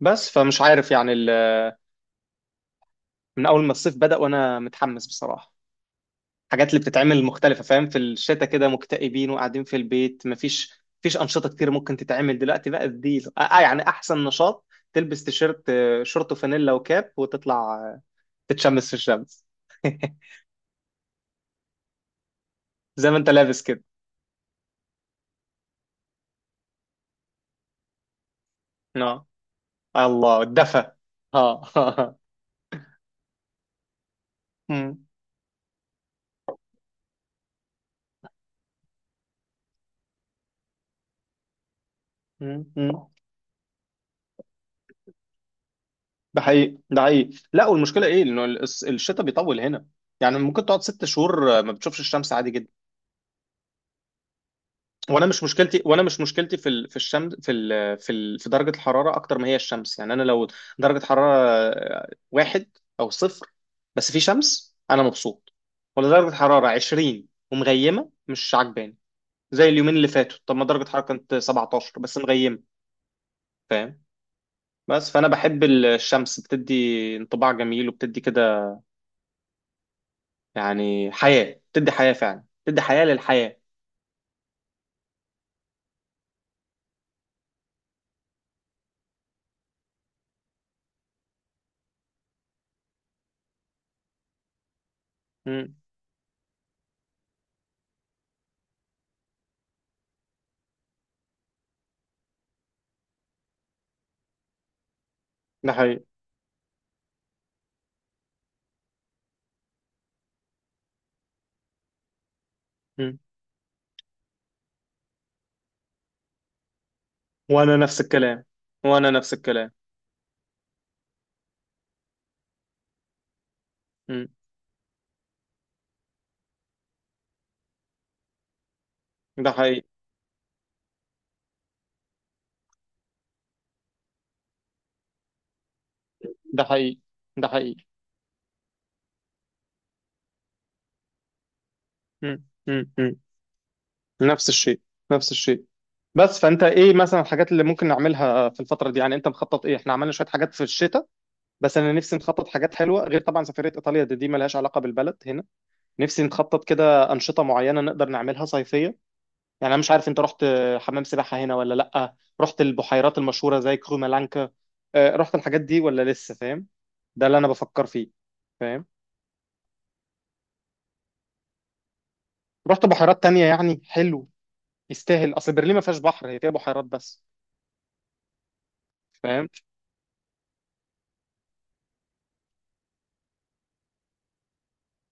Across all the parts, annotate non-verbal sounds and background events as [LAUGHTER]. بس فمش عارف يعني ال- من اول ما الصيف بدأ وانا متحمس بصراحة. الحاجات اللي بتتعمل مختلفة، فاهم؟ في الشتاء كده مكتئبين وقاعدين في البيت، مفيش أنشطة كتير ممكن تتعمل. دلوقتي بقى دي يعني احسن نشاط. تلبس تيشيرت، شورت وفانيلا وكاب وتطلع تتشمس في الشمس. [LAUGHS] زي ما انت لابس كده. اه، الله، الدفى. اه. [LAUGHS] مم. مم. مم. ده حقيقي، ده حقيقي. لا، والمشكله ايه؟ انه الشتاء بيطول هنا. يعني ممكن تقعد 6 شهور ما بتشوفش الشمس، عادي جدا. وانا مش مشكلتي في الشمس، في درجه الحراره اكتر ما هي الشمس. يعني انا لو درجه حراره واحد او صفر، بس في شمس، انا مبسوط. ولا درجه حراره 20 ومغيمه، مش عجباني. زي اليومين اللي فاتوا، طب ما درجه حراره كانت 17 بس مغيمه، فاهم؟ بس فانا بحب الشمس، بتدي انطباع جميل، وبتدي كده يعني حياه. بتدي حياه، فعلا بتدي حياه للحياه. مم. ده حقيقي. مم. وانا نفس الكلام، وانا نفس الكلام. ده حقيقي، ده حقيقي، ده حقيقي. مم. مم. مم. نفس الشيء، نفس الشيء. بس فانت ايه مثلا الحاجات اللي ممكن نعملها في الفتره دي؟ يعني انت مخطط ايه؟ احنا عملنا شويه حاجات في الشتاء، بس انا نفسي نخطط حاجات حلوه، غير طبعا سفريه ايطاليا دي، دي ملهاش علاقه بالبلد هنا. نفسي نخطط كده انشطه معينه نقدر نعملها صيفيه. يعني انا مش عارف، انت رحت حمام سباحه هنا ولا لا؟ رحت البحيرات المشهوره زي كرومالانكا؟ رحت الحاجات دي ولا لسه، فاهم؟ ده اللي انا بفكر فيه، فاهم؟ رحت بحيرات تانية، يعني حلو، يستاهل. اصل برلين ما فيهاش بحر، هي فيها بحيرات بس، فاهم.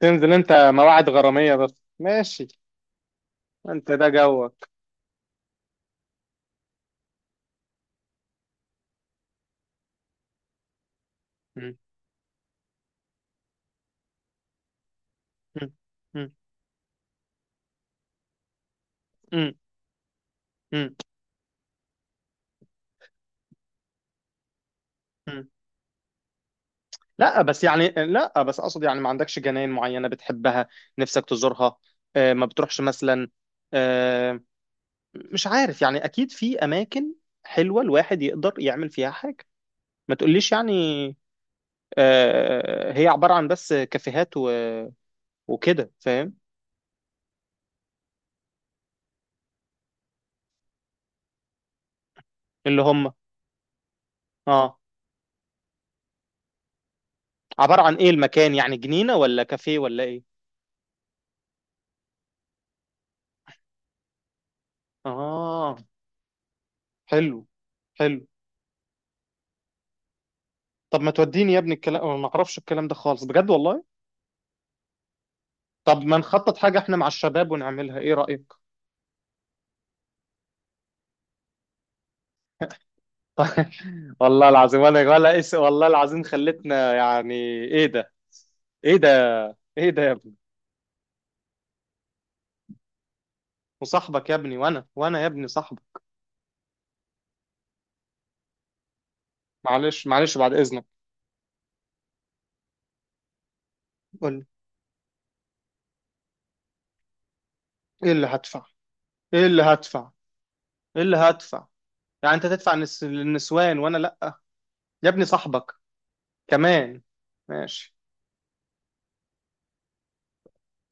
تنزل انت مواعد غراميه؟ بس ماشي، انت ده جوك. مم. مم. مم. مم. مم. مم. لا بس يعني، لا بس اقصد يعني، ما عندكش جناين معينه بتحبها نفسك تزورها؟ ما بتروحش مثلا؟ آه، مش عارف يعني، اكيد في اماكن حلوه الواحد يقدر يعمل فيها حاجه. ما تقوليش يعني هي عباره عن بس كافيهات وكده، فاهم. اللي هم؟ اه، عبارة عن ايه المكان؟ يعني جنينة ولا كافيه ولا ايه؟ اه، حلو، حلو. طب ما توديني يا ابني؟ الكلام أنا ما اعرفش الكلام ده خالص، بجد والله. طب ما نخطط حاجة احنا مع الشباب ونعملها، ايه رأيك؟ [LAUGHS] والله العظيم، ولا ولا اس والله العظيم خلتنا، يعني ايه ده؟ ايه ده؟ ايه ده يا ابني؟ وصاحبك يا ابني، وانا، وانا يا ابني صاحبك. معلش معلش، بعد اذنك. قول لي، ايه اللي هدفع؟ ايه اللي هدفع؟ ايه اللي هدفع؟ يعني انت تدفع للنسوان وانا لا؟ يا ابني صاحبك كمان، ماشي.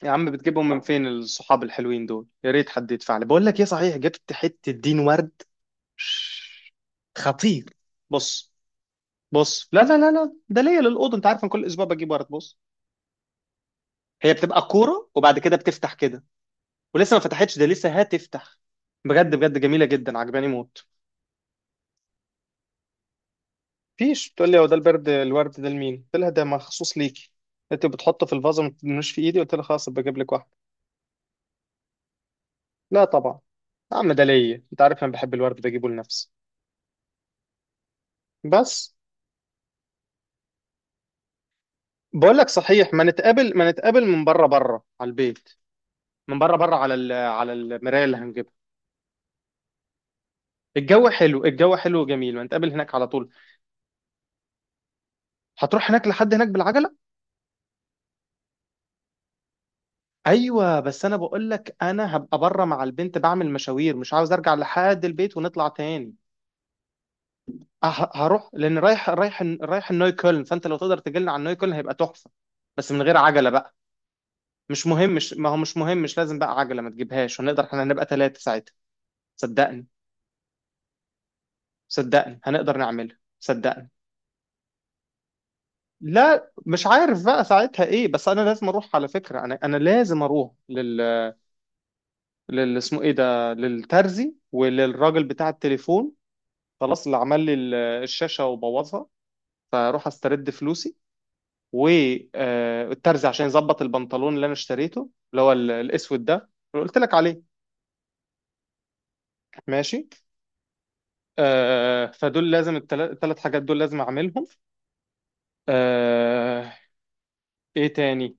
يا عم بتجيبهم من فين الصحاب الحلوين دول؟ يا ريت حد يدفع لي. بقول لك ايه، صحيح جبت حتة دين ورد خطير. بص، بص. لا لا لا لا، ده ليا للأوضة. انت عارف انا كل اسبوع بجيب ورد. بص، هي بتبقى كورة وبعد كده بتفتح كده، ولسه ما فتحتش ده، لسه هتفتح. بجد بجد جميلة جدا، عجباني موت. فيش بتقول لي هو ده البرد؟ الورد ده لمين؟ قلت لها ده مخصوص ليكي. انت بتحطه في الفازة، ما تدنوش في ايدي. قلت لها خلاص بجيب لك واحد. لا طبعا، يا عم ده ليا، انت عارف انا بحب الورد، بجيبه لنفسي. بس بقول لك صحيح، ما نتقابل، ما نتقابل من بره بره على البيت، من بره بره على على المرايه اللي هنجيبها. الجو حلو، الجو حلو وجميل، ما نتقابل هناك على طول. هتروح هناك لحد هناك بالعجله؟ ايوه، بس انا بقول لك انا هبقى بره مع البنت بعمل مشاوير، مش عاوز ارجع لحد البيت ونطلع تاني. أه- هروح لان رايح، رايح رايح النوي كولن، فانت لو تقدر تجيلنا على النوي كولن هيبقى تحفه، بس من غير عجله بقى. مش مهم، مش، ما هو مش مهم، مش لازم بقى عجله، ما تجيبهاش. هنقدر احنا، هنبقى 3 ساعتها، صدقني. صدقني هنقدر نعملها، صدقني. لا مش عارف بقى ساعتها ايه، بس انا لازم اروح على فكره، انا لازم اروح لل، لل، اسمه ايه ده، للترزي وللراجل بتاع التليفون، خلاص، اللي عمل لي الشاشه وبوظها، فاروح استرد فلوسي. والترزي عشان يظبط البنطلون اللي انا اشتريته اللي هو الاسود ده اللي قلت لك عليه. ماشي. آه، فدول لازم، ال3 حاجات دول لازم اعملهم. آه، ايه تاني؟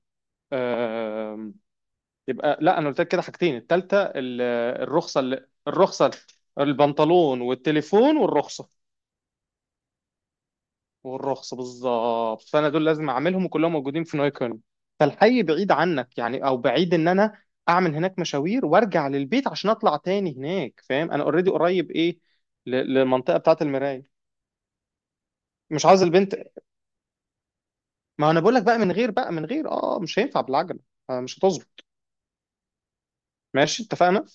آه، يبقى لا، انا قلت لك كده حاجتين، التالتة الرخصة، اللي الرخصة. البنطلون والتليفون والرخصة. والرخصة بالظبط. فانا دول لازم اعملهم، وكلهم موجودين في نايكون. فالحي بعيد عنك يعني، او بعيد ان انا اعمل هناك مشاوير وارجع للبيت عشان اطلع تاني هناك، فاهم؟ انا اوريدي قريب ايه، للمنطقة بتاعة المراية. مش عاوز البنت، ما انا بقول لك بقى، من غير، بقى من غير، اه مش هينفع بالعجلة. مش هتظبط. ماشي، اتفقنا.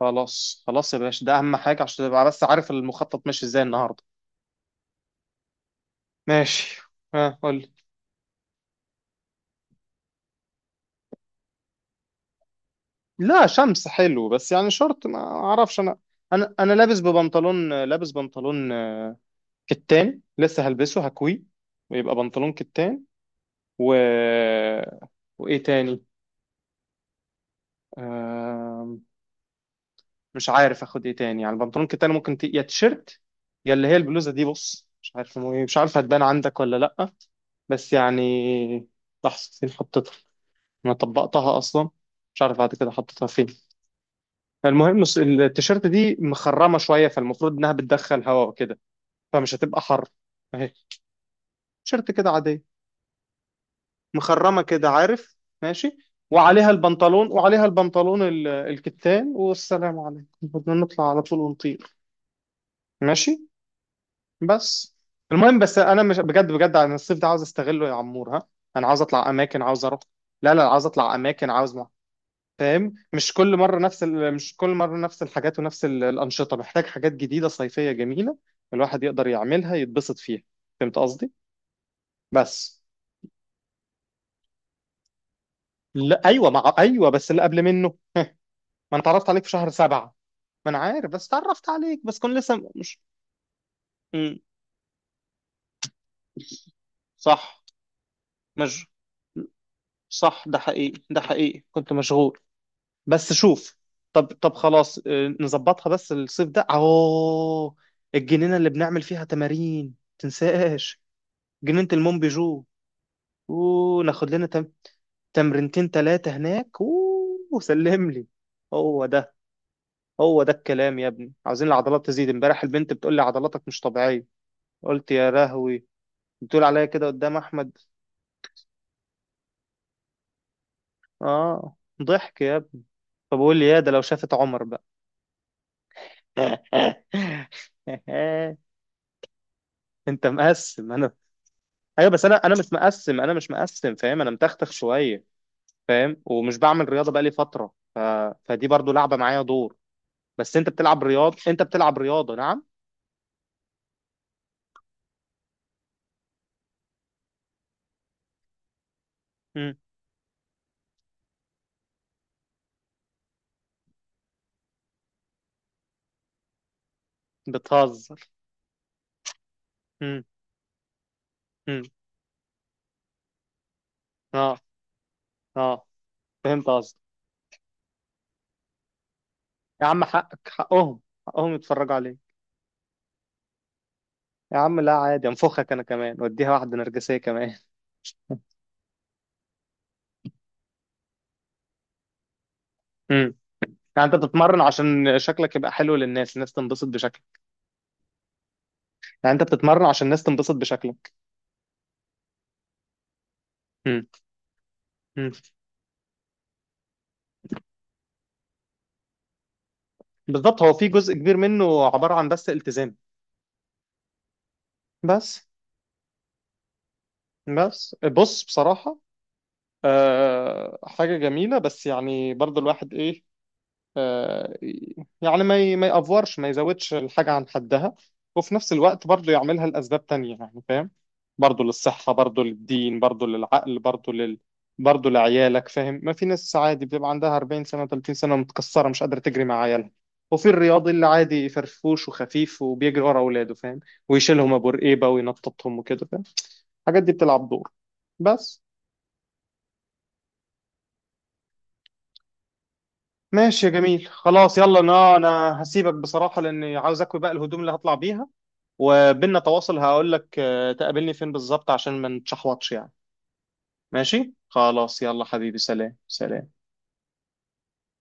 خلاص خلاص يا باشا، ده اهم حاجة عشان تبقى بس عارف المخطط ماشي ازاي النهاردة. ماشي، ها قول. لا شمس حلو، بس يعني شورت ما اعرفش انا. انا لابس ببنطلون، لابس بنطلون كتان، لسه هلبسه، هكوي، ويبقى بنطلون كتان. و، وايه تاني؟ آم، مش عارف اخد ايه تاني. يعني البنطلون كتان، ممكن يا تيشيرت، يا اللي هي البلوزه دي. بص مش عارف، مو- إيه، مش عارف هتبان عندك ولا لا. بس يعني، لحظه، فين حطيتها؟ انا طبقتها اصلا، مش عارف بعد كده حطيتها فين. فالمهم التيشيرت دي مخرمه شويه، فالمفروض انها بتدخل هواء وكده، فمش هتبقى حر. اهي، تيشيرت كده عاديه، مخرمه كده، عارف، ماشي. وعليها البنطلون الكتان، والسلام عليكم، بدنا نطلع على طول ونطير. ماشي. بس المهم، بس انا مش، بجد بجد انا الصيف ده عاوز استغله يا عمور، ها. انا عاوز اطلع اماكن، عاوز اروح. لا لا، عاوز اطلع اماكن، عاوز، فاهم؟ مش كل مره نفس ال... مش كل مره نفس الحاجات ونفس الانشطه، محتاج حاجات جديده صيفيه جميله الواحد يقدر يعملها يتبسط فيها. فهمت قصدي؟ بس. لا ايوه، مع، ايوه بس اللي قبل منه ما، انا اتعرفت عليك في شهر سبعة. ما انا عارف، بس اتعرفت عليك بس كنت لسه مش. مم. صح، مش. صح، ده حقيقي ده حقيقي، كنت مشغول. بس شوف، طب طب خلاص، نظبطها، بس الصيف ده اهو، الجنينة اللي بنعمل فيها تمارين تنساش، جنينة المونبيجو، وناخد لنا تمرينتين 3 هناك. أوه، وسلم لي. هو ده، هو ده الكلام يا ابني، عاوزين العضلات تزيد. امبارح البنت بتقول لي عضلاتك مش طبيعية، قلت يا رهوي، بتقول عليا كده قدام أحمد. آه، ضحك يا ابني. فبقول لي يا ده لو شافت عمر بقى. [LAUGHS] انت مقسم انا. ايوه بس انا، انا مش مقسم، فاهم. انا متختخ شويه، فاهم، ومش بعمل رياضه بقالي فتره، فدي برضو لعبه معايا دور. بس انت بتلعب رياض، انت بتلعب رياضه، نعم؟ مم. بتهزر. مم. مم. اه، اه. فهمت قصدك. يا عم حقك، حقهم، حقهم يتفرجوا عليك. يا عم لا عادي، انفخك انا كمان وديها واحده نرجسيه كمان. مم. يعني انت بتتمرن عشان شكلك يبقى حلو للناس الناس تنبسط بشكلك؟ يعني انت بتتمرن عشان الناس تنبسط بشكلك؟ مم. مم. بالظبط، هو في جزء كبير منه عباره عن بس التزام. بس بس بص بصراحه، آه حاجه جميله، بس يعني برضو الواحد ايه، آه، يعني ما يأفورش، ما يزودش الحاجة عن حدها، وفي نفس الوقت برضه يعملها لأسباب تانية يعني، فاهم؟ برضه للصحة، برضه للدين، برضه للعقل، برضه لعيالك، فاهم؟ ما في ناس عادي بتبقى عندها 40 سنة، 30 سنة، متكسرة مش قادرة تجري مع عيالها، وفي الرياضي اللي عادي فرفوش وخفيف وبيجري ورا أولاده، فاهم؟ ويشيلهم أبو رقيبة وينططهم وكده، فاهم؟ الحاجات دي بتلعب دور. بس ماشي يا جميل، خلاص يلا، انا انا هسيبك بصراحة لاني عاوز اكوي بقى الهدوم اللي هطلع بيها، وبيننا تواصل هقول لك تقابلني فين بالظبط عشان ما نتشحوطش يعني. ماشي خلاص يلا حبيبي، سلام سلام.